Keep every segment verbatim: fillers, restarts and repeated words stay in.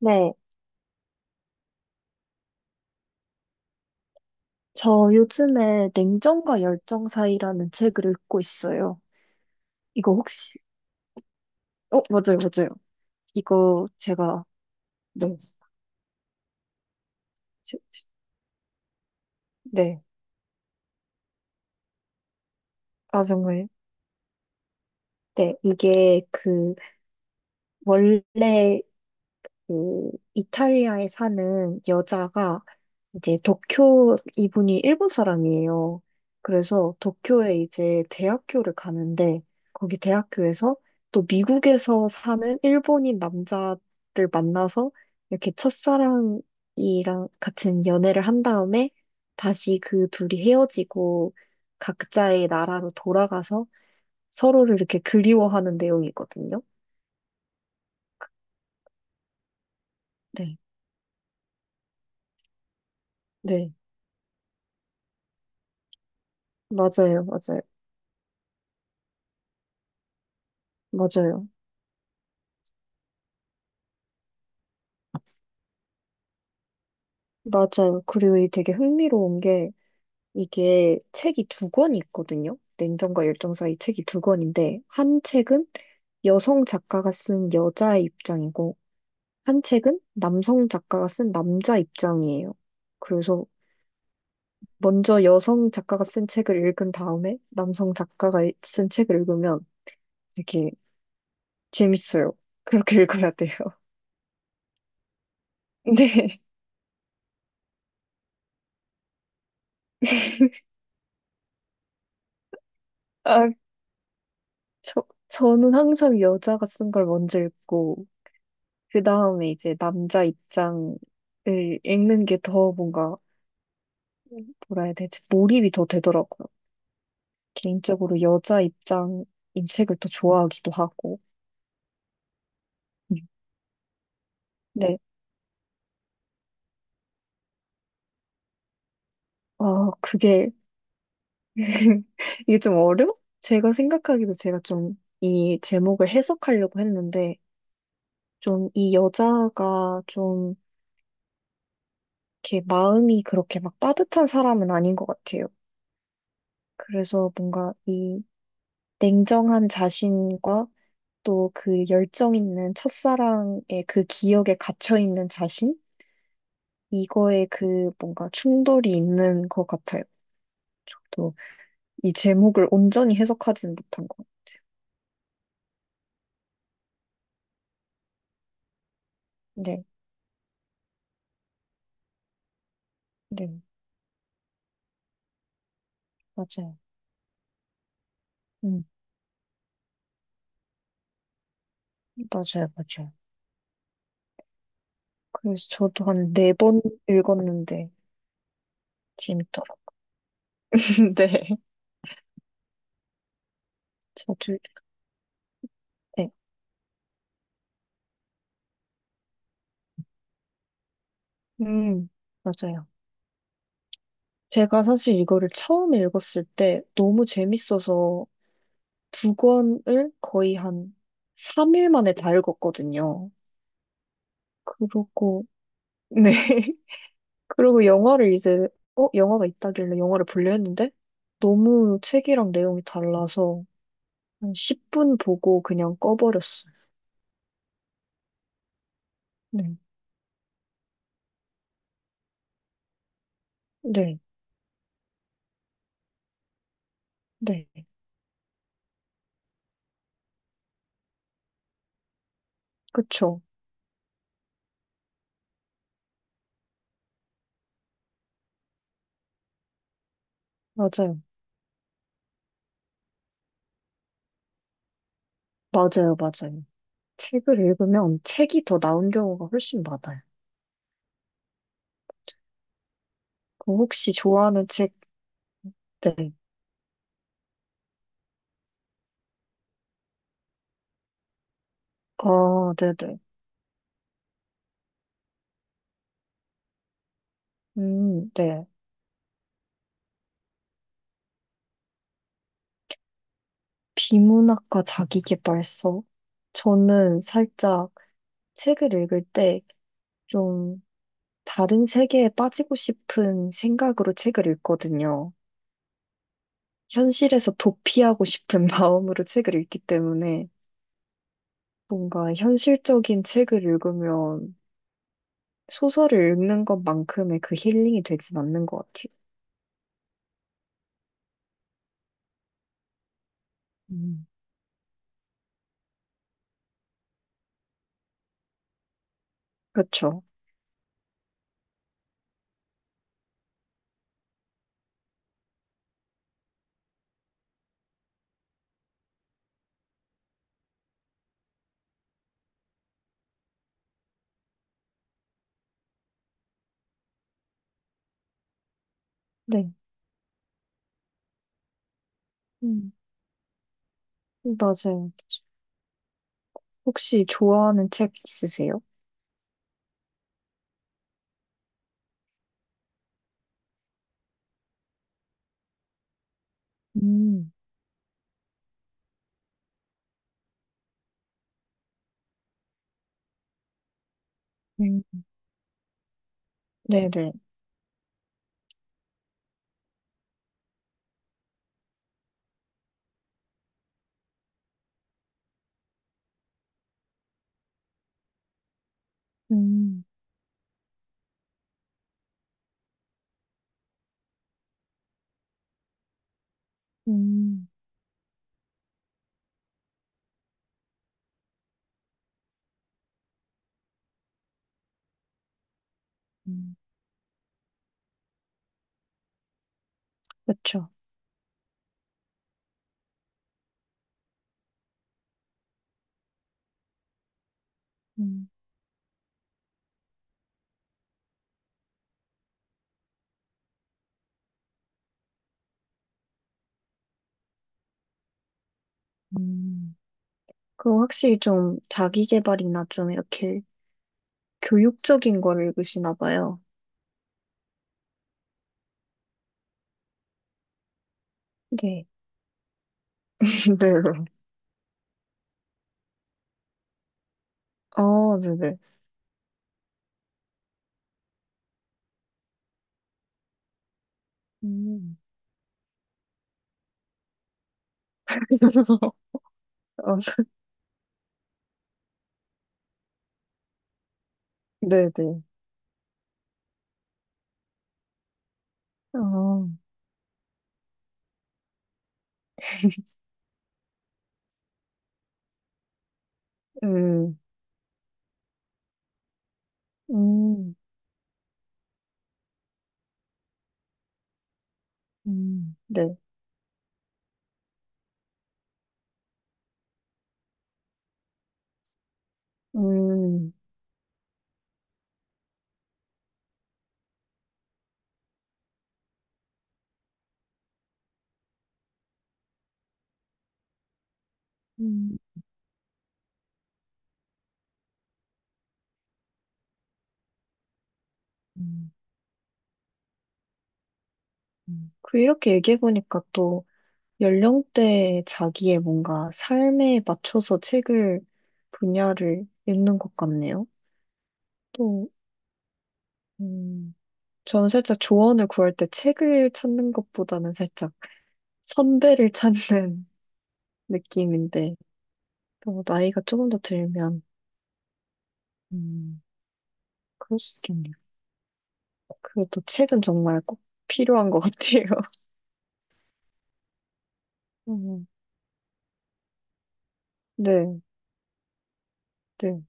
네, 저 요즘에 냉정과 열정 사이라는 책을 읽고 있어요. 이거 혹시, 어, 맞아요, 맞아요. 이거 제가, 네, 시- 시- 네, 아, 정말. 네, 이게 그, 원래 그 이탈리아에 사는 여자가 이제 도쿄 이분이 일본 사람이에요. 그래서 도쿄에 이제 대학교를 가는데 거기 대학교에서 또 미국에서 사는 일본인 남자를 만나서 이렇게 첫사랑이랑 같은 연애를 한 다음에 다시 그 둘이 헤어지고 각자의 나라로 돌아가서 서로를 이렇게 그리워하는 내용이거든요. 네, 네, 맞아요, 맞아요, 맞아요. 맞아요. 그리고 이 되게 흥미로운 게 이게 책이 두 권이 있거든요. 냉정과 열정 사이 책이 두 권인데 한 책은 여성 작가가 쓴 여자의 입장이고 한 책은 남성 작가가 쓴 남자 입장이에요. 그래서 먼저 여성 작가가 쓴 책을 읽은 다음에 남성 작가가 쓴 책을 읽으면 되게 재밌어요. 그렇게 읽어야 돼요. 네. 아, 저, 저는 항상 여자가 쓴 걸 먼저 읽고 그 다음에 이제 남자 입장을 읽는 게 더 뭔가, 뭐라 해야 되지, 몰입이 더 되더라고요. 개인적으로 여자 입장인 책을 더 좋아하기도 하고. 음. 네. 아, 그게, 이게 좀 어려워? 제가 생각하기도 제가 좀 이 제목을 해석하려고 했는데, 좀 이 여자가 좀 이렇게 마음이 그렇게 막 따뜻한 사람은 아닌 것 같아요. 그래서 뭔가 이 냉정한 자신과 또 그 열정 있는 첫사랑의 그 기억에 갇혀 있는 자신? 이거에 그 뭔가 충돌이 있는 것 같아요. 저도 이 제목을 온전히 해석하진 못한 것 같아요. 네, 네, 맞아요. 음, 맞아요, 맞아요. 그래서 저도 한 네 번 읽었는데 재밌더라고요. 네. 자주, 네. 음, 맞아요. 제가 사실 이거를 처음 읽었을 때 너무 재밌어서 두 권을 거의 한 삼 일 만에 다 읽었거든요. 그러고, 네. 그리고 영화를 이제, 어, 영화가 있다길래 영화를 보려 했는데, 너무 책이랑 내용이 달라서 한 십 분 보고 그냥 꺼버렸어요. 네. 네. 네. 그쵸. 맞아요. 맞아요. 맞아요. 책을 읽으면 책이 더 나은 경우가 훨씬 많아요. 그럼 혹시 좋아하는 책, 네. 아, 네네. 음, 네. 비문학과 자기계발서? 저는 살짝 책을 읽을 때 좀 다른 세계에 빠지고 싶은 생각으로 책을 읽거든요. 현실에서 도피하고 싶은 마음으로 책을 읽기 때문에 뭔가 현실적인 책을 읽으면 소설을 읽는 것만큼의 그 힐링이 되진 않는 것 같아요. 음. 그렇죠. 네. 음, 맞아요. 혹시 좋아하는 책 있으세요? 음. 음. 네네. 음. 음. 음, 그렇 음, 음. 그럼 확실히 좀 자기 개발이나 좀 이렇게 교육적인 거를 읽으시나 봐요. 네. 네 어, 네네. 음. 어, 네네. 어, 음, 음, 음. 네. 음. 음. 음. 음. 그 이렇게 얘기해보니까 또 연령대 자기의 뭔가 삶에 맞춰서 책을 분야를 읽는 것 같네요. 또, 저는 살짝 조언을 구할 때 책을 찾는 것보다는 살짝 선배를 찾는 느낌인데, 또 나이가 조금 더 들면, 음, 그럴 수 있겠네요. 그래도 책은 정말 꼭 필요한 것 같아요. 음, 네, 네.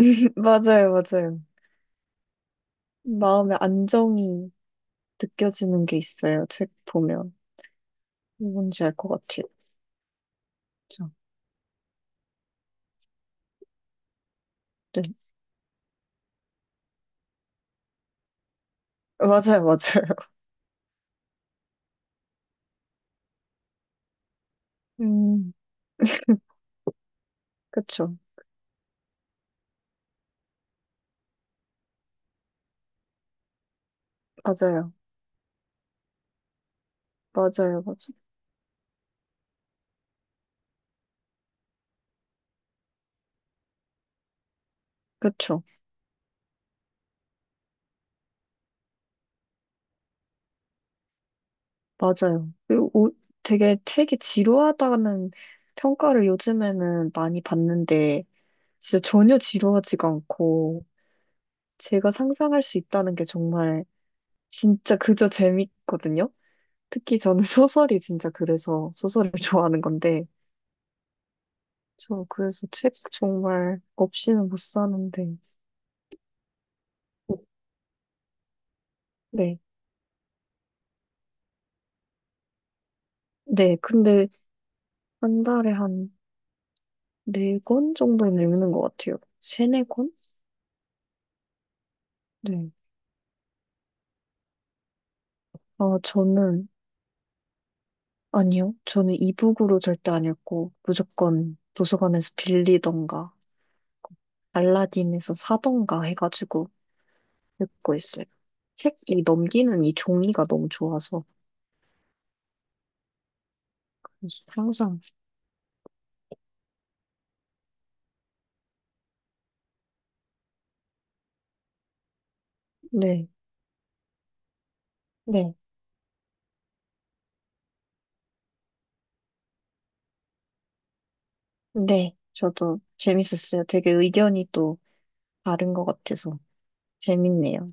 맞아요, 맞아요. 마음의 안정이 느껴지는 게 있어요. 책 보면. 뭔지 알 것 같아요. 그렇죠. 네. 맞아요, 맞아요. 음, 그쵸. 맞아요. 맞아요, 맞아요. 그쵸. 맞아요. 그리고 오- 되게 책이 지루하다는 평가를 요즘에는 많이 받는데, 진짜 전혀 지루하지가 않고, 제가 상상할 수 있다는 게 정말 진짜 그저 재밌거든요. 특히 저는 소설이 진짜 그래서 소설을 좋아하는 건데, 저 그래서 책 정말 없이는 못 사는데, 어, 네. 네, 근데 한 달에 한 네 권 정도는 읽는 것 같아요. 세네 권? 네. 아, 저는 아니요. 저는 이북으로 절대 안 읽고 무조건 도서관에서 빌리던가 알라딘에서 사던가 해가지고 읽고 있어요. 책이 넘기는 이 종이가 너무 좋아서 항상 네, 네, 네. 저도 재밌었어요. 되게 의견이 또 다른 것 같아서 재밌네요.